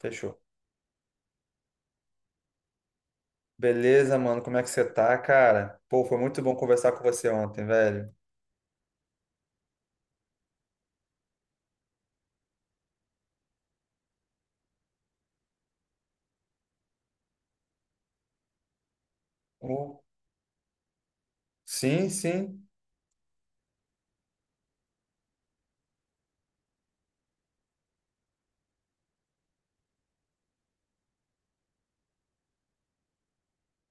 Fechou. Beleza, mano, como é que você tá, cara? Pô, foi muito bom conversar com você ontem, velho. Oh, sim, sim,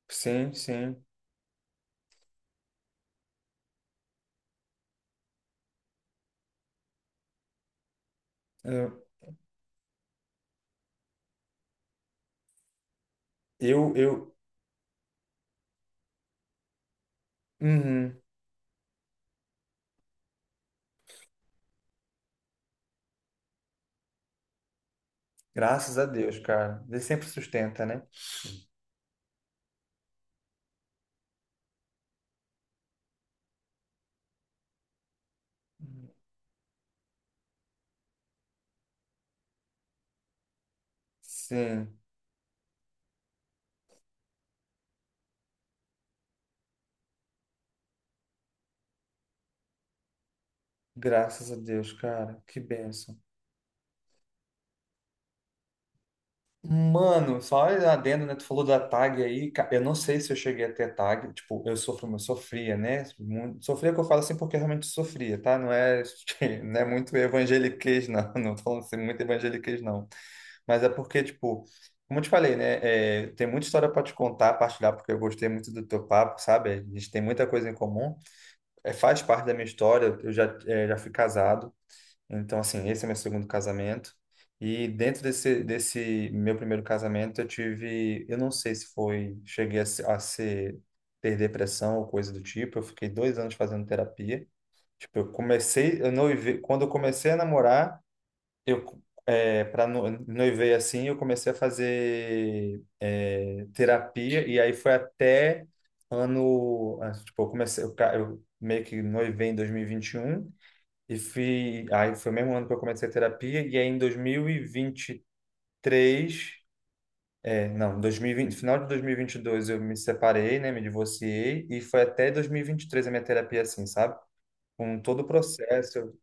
sim, sim. Eu, eu, eu- uhum. Graças a Deus, cara. Ele sempre sustenta, né? Sim, graças a Deus, cara. Que bênção. Mano, só adendo, né? Tu falou da tag aí, cara. Eu não sei se eu cheguei a ter tag. Tipo, eu sofria, né? Sofria que eu falo assim porque eu realmente sofria, tá? Não é muito evangeliquez, não. Não tô falando assim, muito evangeliquez, não. Mas é porque, tipo, como eu te falei, né? É, tem muita história pra te contar, partilhar, porque eu gostei muito do teu papo, sabe? A gente tem muita coisa em comum. É, faz parte da minha história. Eu já fui casado. Então, assim, esse é meu segundo casamento. E dentro desse meu primeiro casamento, eu tive, eu não sei se foi, cheguei a, a ser, ter depressão ou coisa do tipo. Eu fiquei 2 anos fazendo terapia. Tipo, eu comecei, eu noivei, quando eu comecei a namorar, eu, para noivei assim, eu comecei a fazer, terapia. E aí foi até ano, tipo, eu comecei, eu, eu meio que noivei em dois mil e vinte e um e fui, aí foi o mesmo ano que eu comecei a terapia, e aí em 2023 não, 2020, final de dois mil e vinte e dois eu me separei, né, me divorciei, e foi até dois mil e vinte e três a minha terapia assim, sabe? Com todo o processo.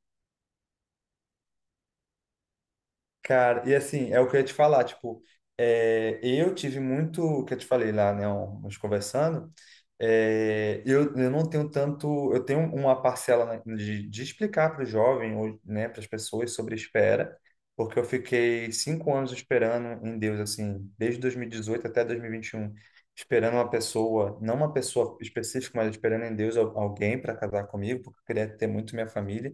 Cara, e assim, é o que eu ia te falar, tipo, é, eu tive muito, o que eu te falei lá, né, nós conversando, é, eu não tenho tanto, eu tenho uma parcela, né, de explicar para o jovem, ou, né, para as pessoas sobre espera, porque eu fiquei 5 anos esperando em Deus, assim, desde 2018 até 2021, esperando uma pessoa, não uma pessoa específica, mas esperando em Deus alguém para casar comigo, porque eu queria ter muito minha família.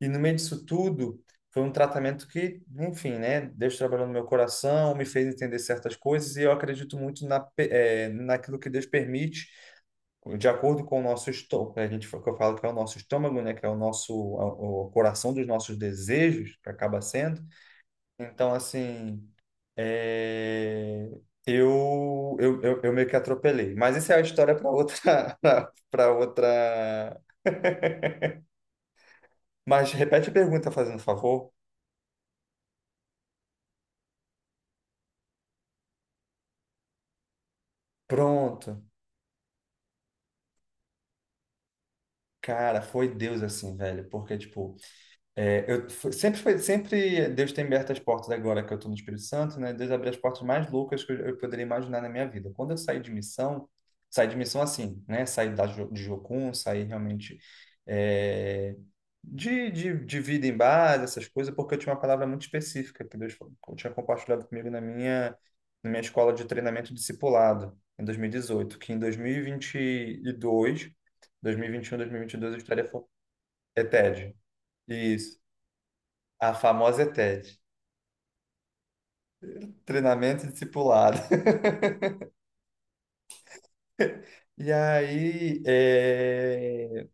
E no meio disso tudo, foi um tratamento que, enfim, né? Deus trabalhou no meu coração, me fez entender certas coisas, e eu acredito muito naquilo que Deus permite, de acordo com o nosso estômago. Né, a gente, que eu falo que é o nosso estômago, né? Que é o nosso, o coração dos nossos desejos, que acaba sendo. Então, assim, é, eu meio que atropelei. Mas essa é a história para outra, para outra. Mas repete a pergunta, fazendo favor. Pronto. Cara, foi Deus assim, velho, porque, tipo, é, eu fui- sempre foi, sempre Deus tem aberto as portas agora que eu estou no Espírito Santo, né? Deus abriu as portas mais loucas que eu poderia imaginar na minha vida. Quando eu saí de missão assim, né? Saí de Jocum, saí realmente é, de vida em base, essas coisas, porque eu tinha uma palavra muito específica que Deus tinha compartilhado comigo na minha escola de treinamento discipulado em 2018, que em 2022, 2021, 2022 eu estaria é TED. Isso. A famosa Ted, treinamento e discipulado. E aí, eh,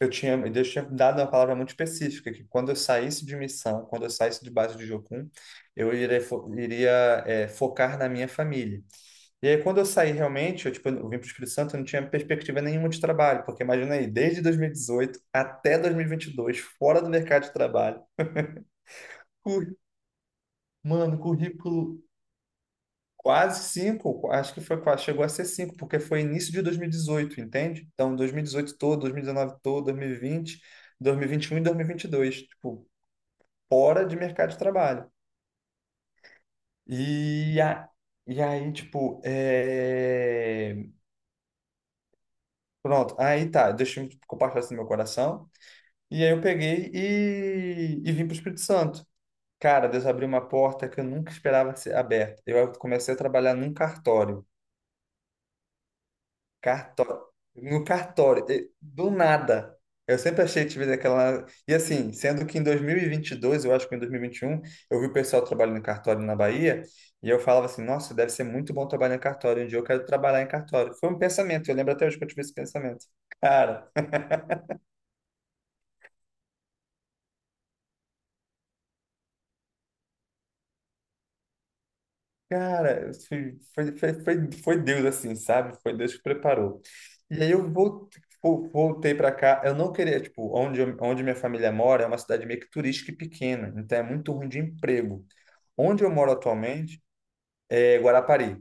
eu tinha, Deus tinha dado uma palavra muito específica, que quando eu saísse de missão, quando eu saísse de base de Jocum, eu iria focar na minha família. E aí, quando eu saí realmente, eu, tipo, eu vim para o Espírito Santo, eu não tinha perspectiva nenhuma de trabalho, porque imagina aí, desde 2018 até 2022, fora do mercado de trabalho, curr- mano, currículo. Quase cinco, acho que foi, chegou a ser cinco, porque foi início de 2018, entende? Então, 2018 todo, 2019 todo, dois mil e vinte, vinte dois, dois mil e vinte e um, e dois mil e vinte e um, dois, tipo, fora de mercado de trabalho. E, a, e aí, tipo, pronto, aí tá, deixa eu compartilhar isso no meu coração. E aí eu peguei e vim para o Espírito Santo. Cara, Deus abriu uma porta que eu nunca esperava ser aberta. Eu comecei a trabalhar num cartório. Cartório. No cartório. Do nada. Eu sempre achei, tive aquela. E assim, sendo que em 2022, eu acho que em 2021, eu vi o pessoal trabalhando em cartório na Bahia, e eu falava assim: nossa, deve ser muito bom trabalhar em cartório. Um dia eu quero trabalhar em cartório. Foi um pensamento, eu lembro até hoje que eu tive esse pensamento. Cara. Cara, foi Deus assim, sabe? Foi Deus que preparou. E aí eu voltei para cá. Eu não queria, tipo, onde minha família mora é uma cidade meio que turística e pequena, então é muito ruim de emprego. Onde eu moro atualmente é Guarapari,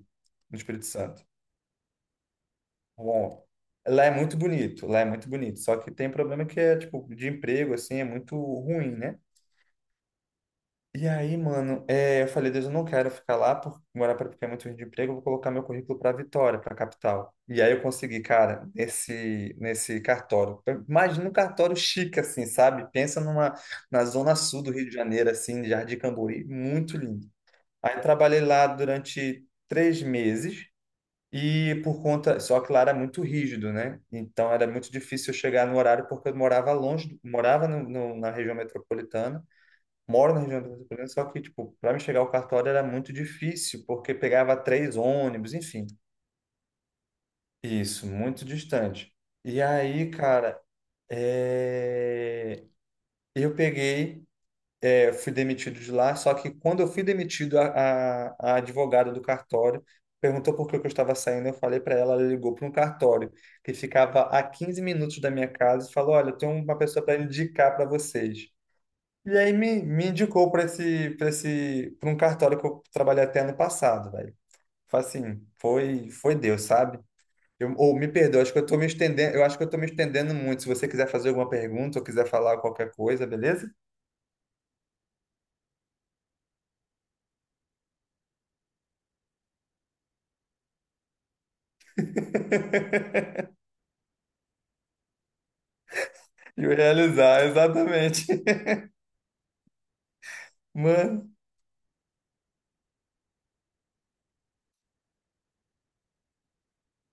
no Espírito Santo. Bom, lá é muito bonito, lá é muito bonito, só que tem um problema que é, tipo, de emprego, assim, é muito ruim, né? E aí, mano, é, eu falei: Deus, eu não quero ficar lá, por, morar para porque é muito ruim de emprego, eu vou colocar meu currículo para Vitória, para capital. E aí eu consegui, cara, nesse cartório. Imagina um cartório chique, assim, sabe? Pensa na zona sul do Rio de Janeiro, assim, de Jardim Camburi, muito lindo. Aí trabalhei lá durante 3 meses só que lá era muito rígido, né? Então era muito difícil eu chegar no horário porque eu morava longe, morava na região metropolitana, moro na região do metropolitano, só que, tipo, para me chegar ao cartório era muito difícil, porque pegava 3 ônibus, enfim. Isso, muito distante. E aí, cara, é, eu peguei, fui demitido de lá, só que quando eu fui demitido, a advogada do cartório perguntou por que que eu estava saindo. Eu falei para ela, ela ligou para um cartório que ficava a 15 minutos da minha casa e falou: Olha, eu tenho uma pessoa para indicar para vocês. E aí me indicou para esse, para um cartório que eu trabalhei até ano passado, velho. Foi assim, foi Deus, sabe? Ou me perdoa, acho que eu tô me estendendo, eu acho que eu tô me estendendo muito. Se você quiser fazer alguma pergunta ou quiser falar qualquer coisa, beleza? E eu realizar, exatamente. Mano,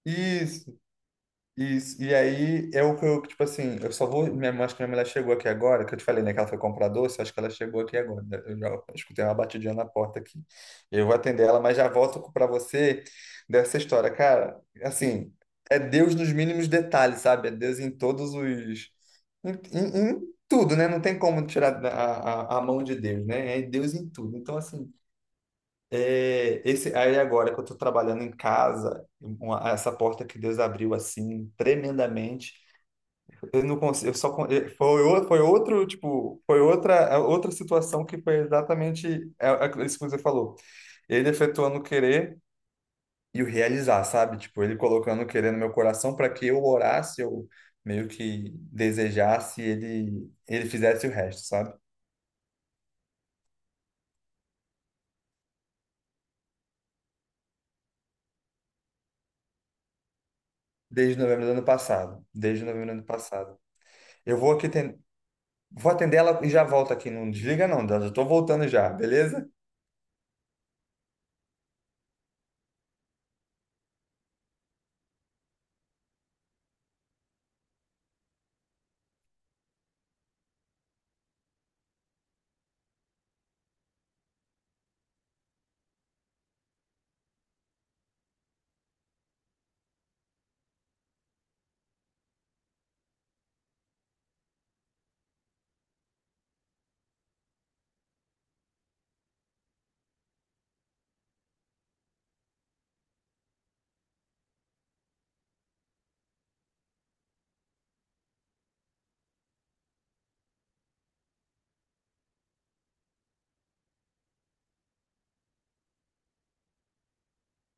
isso. Isso. E aí é o que eu, tipo assim, eu só vou. Acho que minha mulher chegou aqui agora, que eu te falei, né, que ela foi comprar doce, acho que ela chegou aqui agora. Né? Eu já escutei uma batidinha na porta aqui. Eu vou atender ela, mas já volto para você dessa história. Cara, assim, é Deus nos mínimos detalhes, sabe? É Deus em todos os. Em tudo, né? Não tem como tirar a mão de Deus, né? É Deus em tudo. Então, assim, aí agora que eu estou trabalhando em casa, essa porta que Deus abriu assim tremendamente, eu não consigo, eu só con- eh, foi, o- foi outro tipo, foi outra, outra situação que foi exatamente é isso que você falou. Ele efetuando o querer e o realizar, sabe? Tipo, ele colocando o querer no meu coração para que eu orasse, eu meio que desejasse, ele fizesse o resto, sabe? Desde novembro do ano passado, desde novembro do ano passado. Eu vou aqui Vou atender ela e já volto aqui. Não desliga, não, Dani. Eu tô voltando já, beleza?